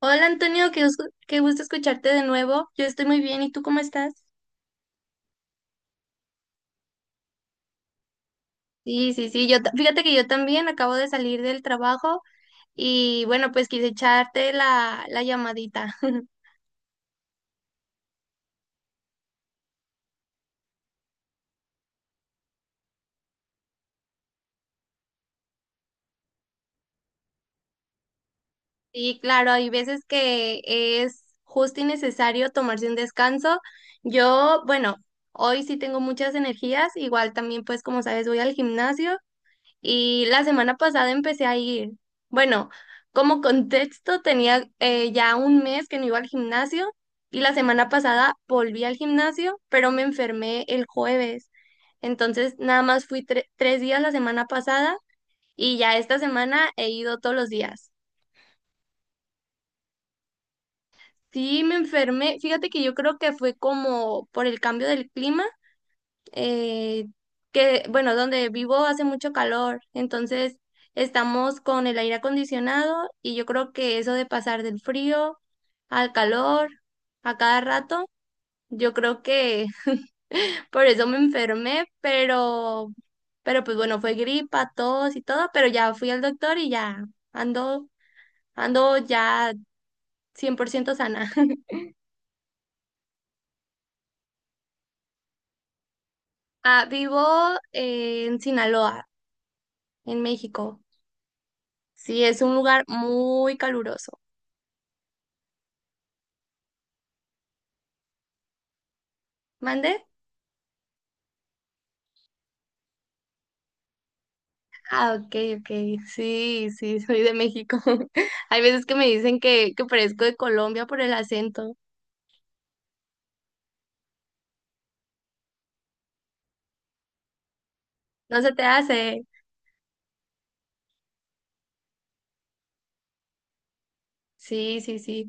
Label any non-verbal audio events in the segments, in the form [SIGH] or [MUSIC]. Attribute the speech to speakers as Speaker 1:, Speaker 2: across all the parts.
Speaker 1: Hola, Antonio, qué gusto escucharte de nuevo. Yo estoy muy bien, ¿y tú cómo estás? Sí, sí, sí. Fíjate que yo también acabo de salir del trabajo, y bueno, pues quise echarte la llamadita. [LAUGHS] Sí, claro, hay veces que es justo y necesario tomarse un descanso. Yo, bueno, hoy sí tengo muchas energías, igual también pues como sabes voy al gimnasio. Y la semana pasada empecé a ir. Bueno, como contexto, tenía ya un mes que no iba al gimnasio, y la semana pasada volví al gimnasio, pero me enfermé el jueves. Entonces, nada más fui 3 días la semana pasada, y ya esta semana he ido todos los días. Sí, me enfermé. Fíjate que yo creo que fue como por el cambio del clima, eh, que, bueno, donde vivo hace mucho calor, entonces estamos con el aire acondicionado y yo creo que eso de pasar del frío al calor a cada rato, yo creo que [LAUGHS] por eso me enfermé, pero pues bueno, fue gripa, tos y todo, pero ya fui al doctor y ya ando, ando ya 100% sana. [LAUGHS] Ah, vivo en Sinaloa, en México. Sí, es un lugar muy caluroso. ¿Mande? Ah, ok, ok. Sí, sí, soy de México. [LAUGHS] Hay veces que me dicen que parezco de Colombia por el acento. No se te hace. Sí, sí, sí.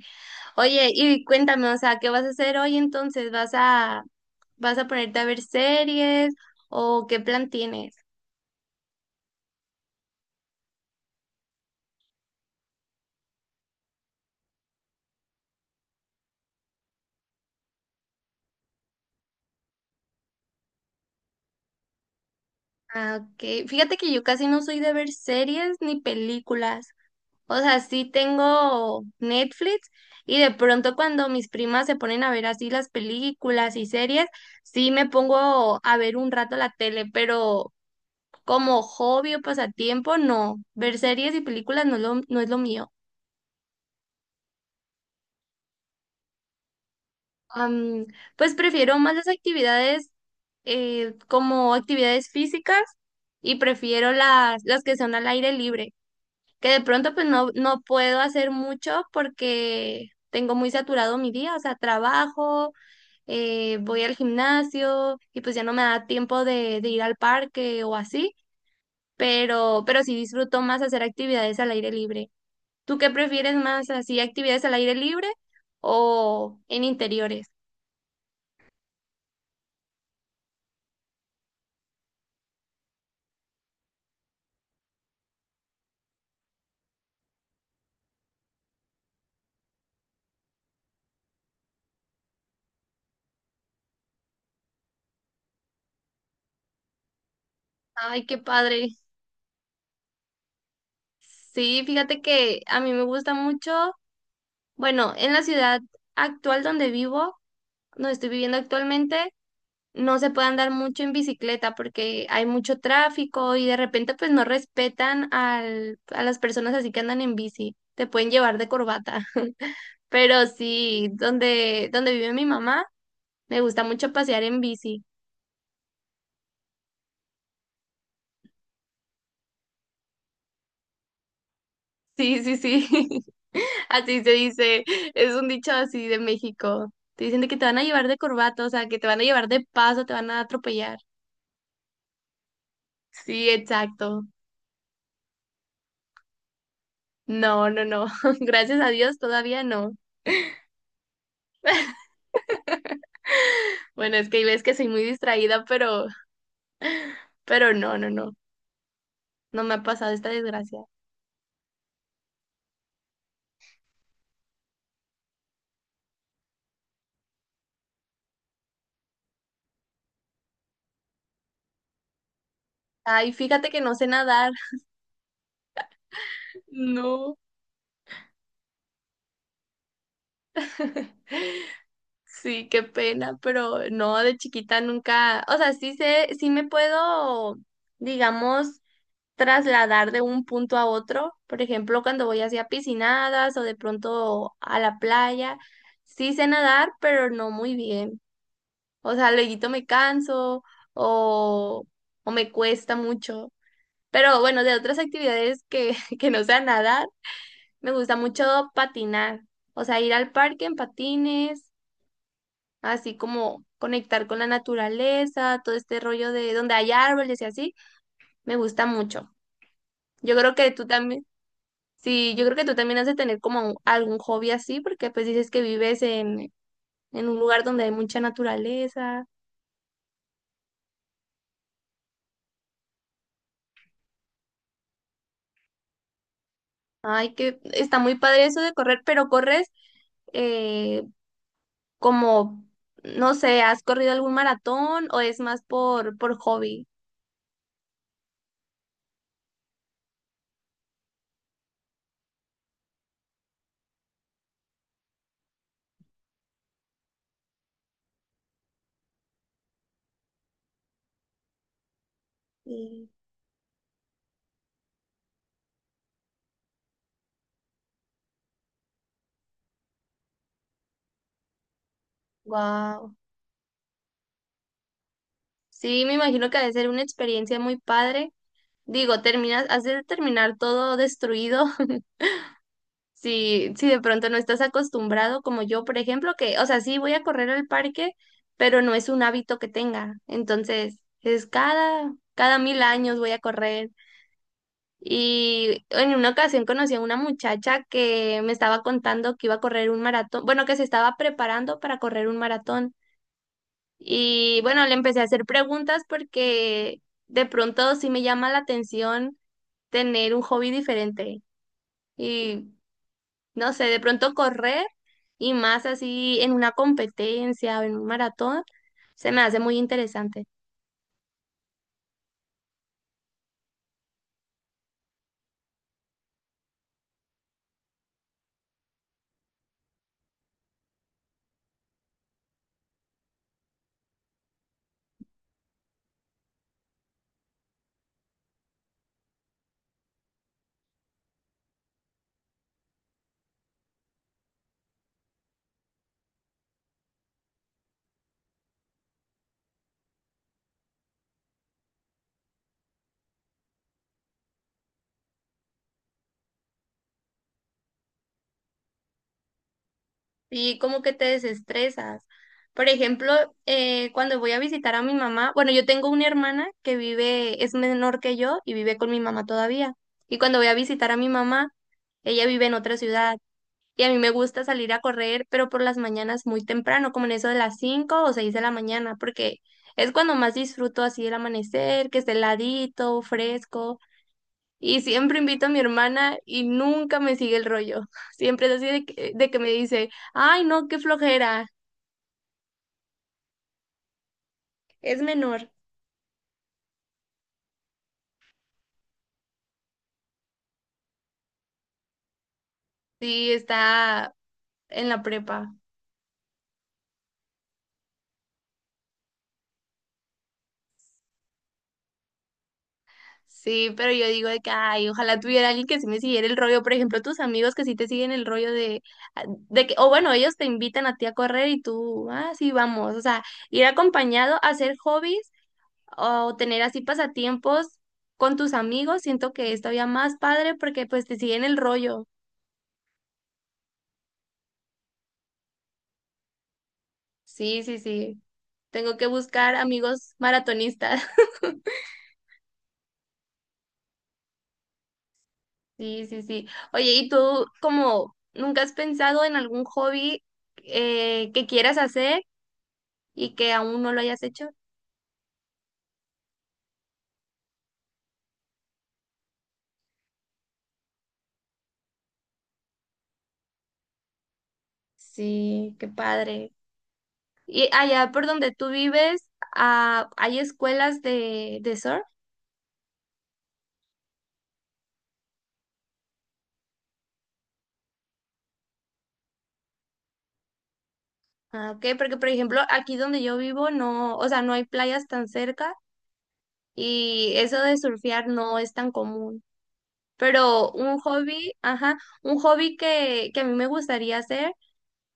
Speaker 1: Oye, y cuéntame, o sea, ¿qué vas a hacer hoy entonces? ¿Vas a ponerte a ver series o qué plan tienes? Ah, ok. Fíjate que yo casi no soy de ver series ni películas. O sea, sí tengo Netflix y de pronto cuando mis primas se ponen a ver así las películas y series, sí me pongo a ver un rato la tele, pero como hobby o pasatiempo, no. Ver series y películas no, no es lo mío. Am, pues prefiero más las actividades, como actividades físicas y prefiero las que son al aire libre. Que de pronto pues no puedo hacer mucho porque tengo muy saturado mi día, o sea, trabajo, voy al gimnasio y pues ya no me da tiempo de ir al parque o así, pero sí disfruto más hacer actividades al aire libre. ¿Tú qué prefieres más, así actividades al aire libre o en interiores? Ay, qué padre. Sí, fíjate que a mí me gusta mucho, bueno, en la ciudad actual donde vivo, donde estoy viviendo actualmente, no se puede andar mucho en bicicleta porque hay mucho tráfico y de repente pues no respetan a las personas así que andan en bici, te pueden llevar de corbata. [LAUGHS] Pero sí, donde vive mi mamá, me gusta mucho pasear en bici. Sí, sí, sí. [LAUGHS] Así se dice, es un dicho así de México. Te dicen de que te van a llevar de corbata, o sea, que te van a llevar de paso, te van a atropellar. Sí, exacto. No, no, no. [LAUGHS] Gracias a Dios todavía no. Bueno, es que hay veces que soy muy distraída, pero no, no, no. No me ha pasado esta desgracia. Ay, fíjate que no sé nadar. No. [LAUGHS] Sí, qué pena, pero no, de chiquita nunca, o sea, sí sé, sí me puedo, digamos, trasladar de un punto a otro, por ejemplo, cuando voy hacia piscinadas o de pronto a la playa, sí sé nadar, pero no muy bien, o sea, luego me canso o, o me cuesta mucho, pero bueno, de otras actividades [LAUGHS] que no sea nadar, me gusta mucho patinar, o sea, ir al parque en patines, así como conectar con la naturaleza, todo este rollo de donde hay árboles y así, me gusta mucho. Yo creo que tú también, sí, yo creo que tú también has de tener como algún hobby así, porque pues dices que vives en un lugar donde hay mucha naturaleza. Ay, que está muy padre eso de correr, pero corres, eh, como, no sé, ¿has corrido algún maratón o es más por hobby? Sí. Guau. Sí, me imagino que ha de ser una experiencia muy padre. Digo, terminas, has de terminar todo destruido. [LAUGHS] Si de pronto no estás acostumbrado, como yo, por ejemplo, que, o sea, sí voy a correr al parque, pero no es un hábito que tenga. Entonces, es cada mil años voy a correr. Y en una ocasión conocí a una muchacha que me estaba contando que iba a correr un maratón, bueno, que se estaba preparando para correr un maratón. Y bueno, le empecé a hacer preguntas porque de pronto sí me llama la atención tener un hobby diferente. Y no sé, de pronto correr y más así en una competencia o en un maratón, se me hace muy interesante. Y como que te desestresas. Por ejemplo, cuando voy a visitar a mi mamá, bueno, yo tengo una hermana que vive, es menor que yo y vive con mi mamá todavía. Y cuando voy a visitar a mi mamá, ella vive en otra ciudad. Y a mí me gusta salir a correr, pero por las mañanas muy temprano, como en eso de las 5 o 6 de la mañana, porque es cuando más disfruto así el amanecer, que esté heladito, fresco. Y siempre invito a mi hermana y nunca me sigue el rollo. [LAUGHS] Siempre es así de que me dice, ay, no, qué flojera, es menor. Sí, está en la prepa. Sí, pero yo digo de que, ay, ojalá tuviera alguien que sí me siguiera el rollo. Por ejemplo, tus amigos que sí te siguen el rollo de, ah, de que, o bueno, ellos te invitan a ti a correr y tú, ah, sí, vamos. O sea, ir acompañado a hacer hobbies o tener así pasatiempos con tus amigos, siento que es todavía más padre porque pues te siguen el rollo. Sí, sí, sí. Tengo que buscar amigos maratonistas. [LAUGHS] Sí, sí, sí. Oye, ¿y tú como nunca has pensado en algún hobby, que quieras hacer? Y que aún no lo hayas hecho. Sí, qué padre. Y allá por donde tú vives, ah, ¿hay escuelas de surf? Ah, ok, porque por ejemplo, aquí donde yo vivo no, o sea, no hay playas tan cerca y eso de surfear no es tan común. Pero un hobby, ajá, un hobby que a mí me gustaría hacer,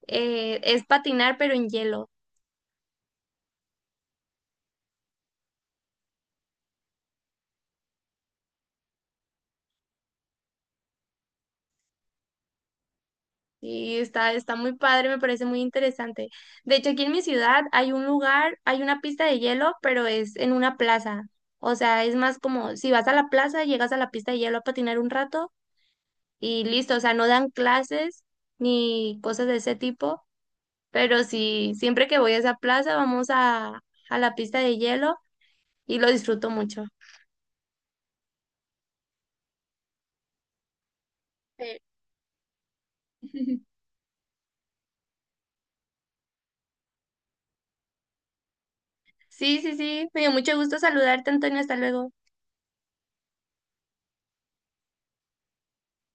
Speaker 1: es patinar pero en hielo. Sí, está muy padre, me parece muy interesante. De hecho, aquí en mi ciudad hay un lugar, hay una pista de hielo, pero es en una plaza. O sea, es más como si vas a la plaza, llegas a la pista de hielo a patinar un rato y listo. O sea, no dan clases ni cosas de ese tipo, pero sí, siempre que voy a esa plaza vamos a la pista de hielo y lo disfruto mucho. Sí, sí, sí, sí, me dio mucho gusto saludarte, Antonio, hasta luego.